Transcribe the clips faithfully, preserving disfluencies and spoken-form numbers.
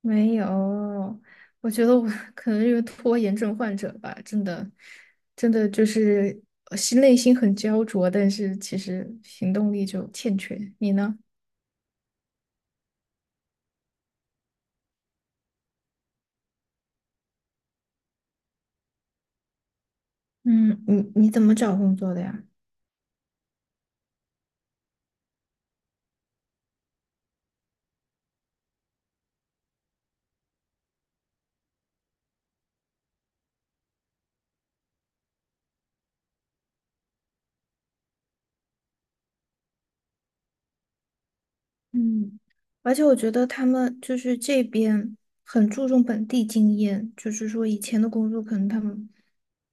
没有，我觉得我可能是拖延症患者吧，真的，真的就是呃心内心很焦灼，但是其实行动力就欠缺。你呢？嗯，你你怎么找工作的呀？嗯，而且我觉得他们就是这边很注重本地经验，就是说以前的工作可能他们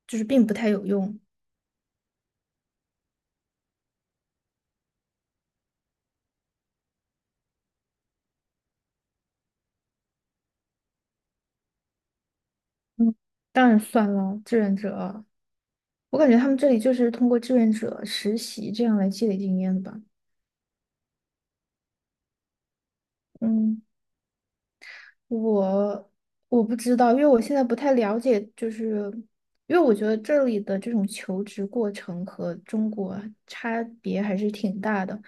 就是并不太有用。嗯，当然算了，志愿者啊，我感觉他们这里就是通过志愿者实习这样来积累经验的吧。嗯，我我不知道，因为我现在不太了解，就是因为我觉得这里的这种求职过程和中国差别还是挺大的。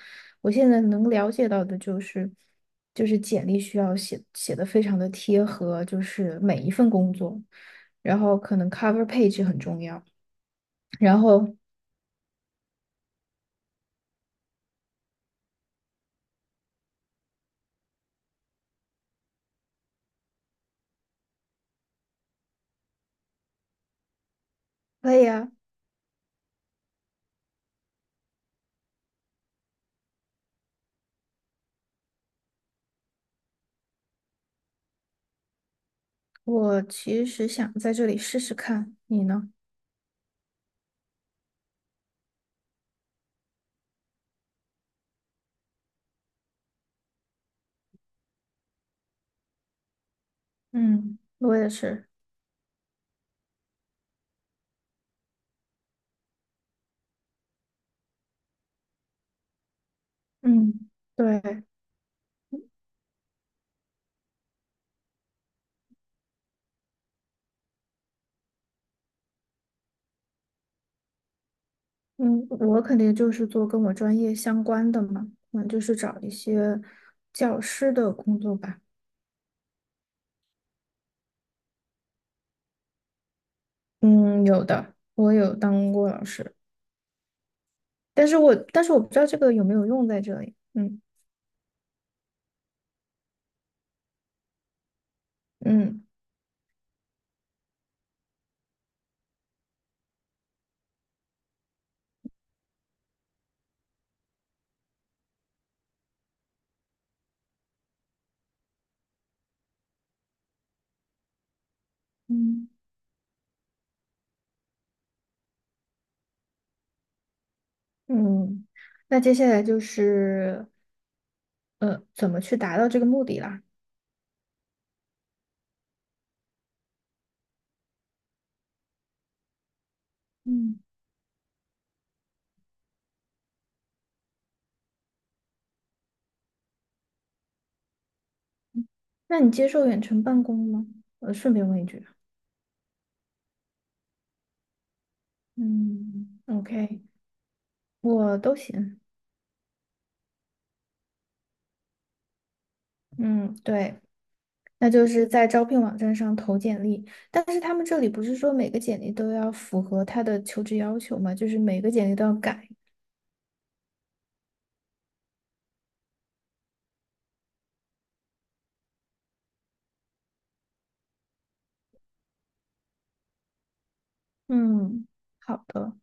我现在能了解到的就是，就是简历需要写写的非常的贴合，就是每一份工作，然后可能 cover page 很重要。然后可以啊，我其实想在这里试试看，你呢？嗯，我也是。嗯，对。嗯，我肯定就是做跟我专业相关的嘛，嗯，就是找一些教师的工作吧。嗯，有的，我有当过老师，但是我但是我不知道这个有没有用在这里。嗯嗯嗯，嗯，那接下来就是呃，怎么去达到这个目的啦？嗯那你接受远程办公吗？呃，顺便问一句嗯，OK，我都行。嗯，对。那就是在招聘网站上投简历，但是他们这里不是说每个简历都要符合他的求职要求吗？就是每个简历都要改。嗯，好的，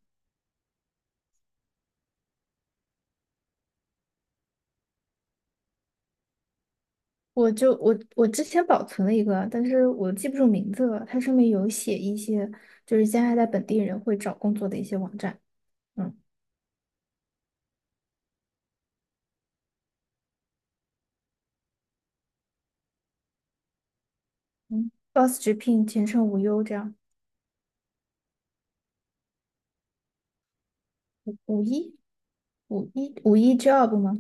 我就我我之前保存了一个，但是我记不住名字了。它上面有写一些就是加拿大本地人会找工作的一些网站，嗯嗯，Boss 直聘、前程无忧这样，五五一五一五一 Job 吗？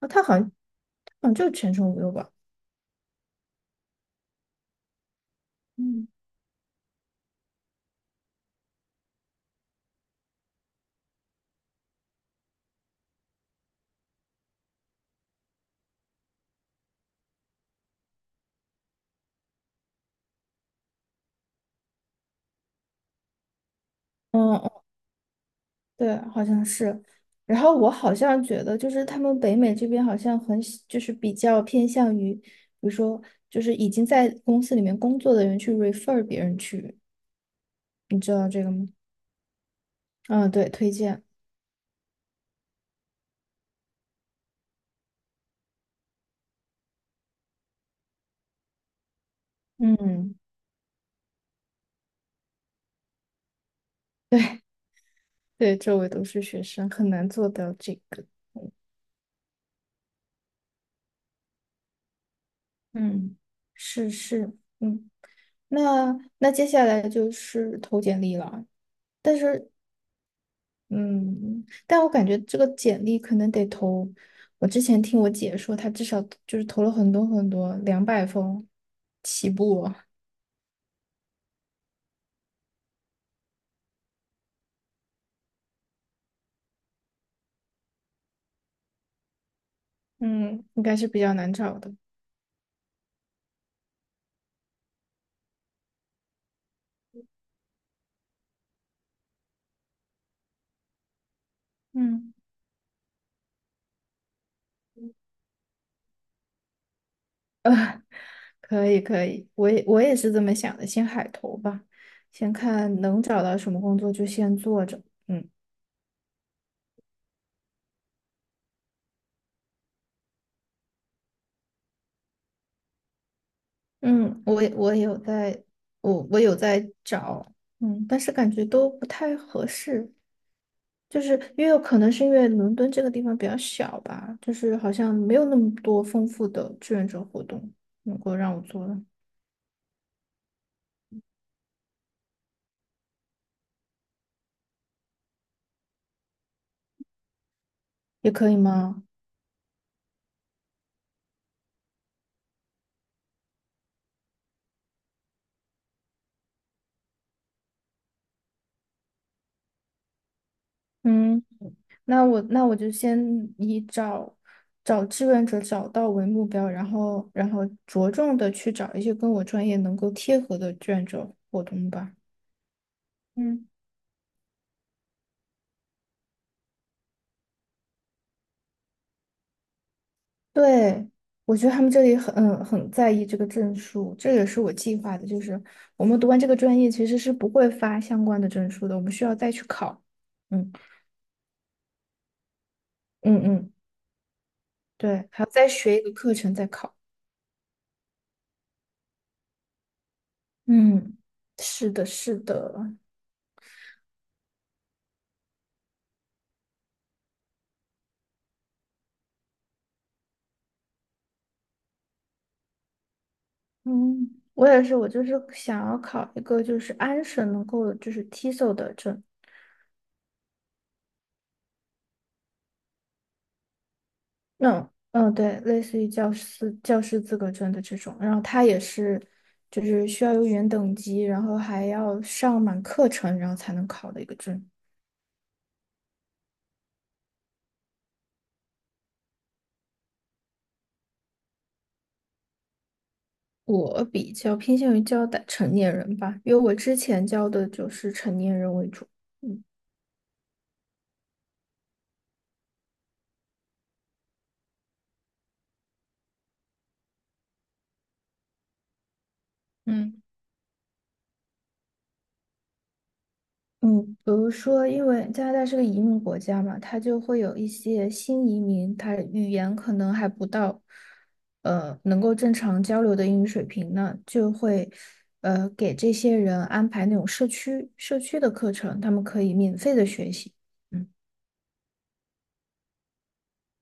啊，它好像它好像就是前程无忧吧？嗯。嗯哦嗯对，好像是。然后我好像觉得，就是他们北美这边好像很喜就是比较偏向于，比如说，就是已经在公司里面工作的人去 refer 别人去，你知道这个吗？嗯，对，推荐。嗯，对，周围都是学生，很难做到这个。嗯，是是，嗯，那那接下来就是投简历了。但是嗯，但我感觉这个简历可能得投。我之前听我姐说，她至少就是投了很多很多，两百封起步哦。嗯，应该是比较难找的。嗯，呃，可以可以，我也我也是这么想的，先海投吧，先看能找到什么工作就先做着。嗯。嗯，我也我也有在，我我有在找，嗯，但是感觉都不太合适，就是因为有可能是因为伦敦这个地方比较小吧，就是好像没有那么多丰富的志愿者活动能够让我做的，也可以吗？嗯，那我那我就先以找找志愿者找到为目标，然后然后着重的去找一些跟我专业能够贴合的志愿者活动吧。嗯。对，我觉得他们这里很嗯很在意这个证书，这也是我计划的，就是我们读完这个专业其实是不会发相关的证书的，我们需要再去考。嗯嗯嗯，对，还要再学一个课程再考。嗯，是的，是的，嗯，我也是，我就是想要考一个就是安省能够就是 TESOL 的证，嗯嗯，对，类似于教师教师资格证的这种，然后它也是，就是需要有语言等级，然后还要上满课程，然后才能考的一个证。我比较偏向于教的成年人吧，因为我之前教的就是成年人为主。嗯。嗯。嗯，比如说，因为加拿大是个移民国家嘛，它就会有一些新移民，他语言可能还不到，呃，能够正常交流的英语水平呢，就会，呃，给这些人安排那种社区社区的课程，他们可以免费的学习。嗯。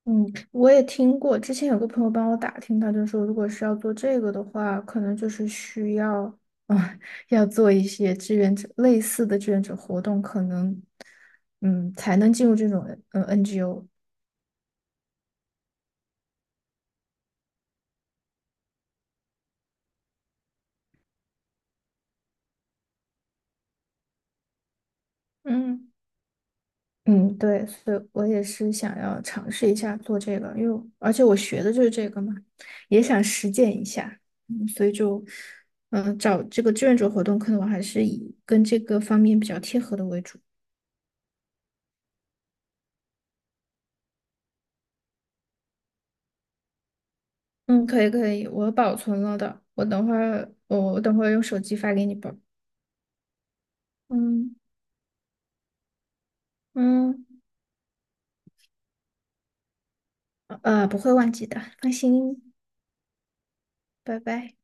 嗯，我也听过，之前有个朋友帮我打听，他就说，如果是要做这个的话，可能就是需要，啊、要做一些志愿者类似的志愿者活动，可能，嗯，才能进入这种呃 N G O。嗯嗯，对，所以我也是想要尝试一下做这个，因为而且我学的就是这个嘛，也想实践一下，嗯，所以就，嗯、找这个志愿者活动，可能我还是以跟这个方面比较贴合的为主。嗯，可以可以，我保存了的，我等会儿我等会儿用手机发给你吧。嗯嗯，呃，不会忘记的，放心，拜拜。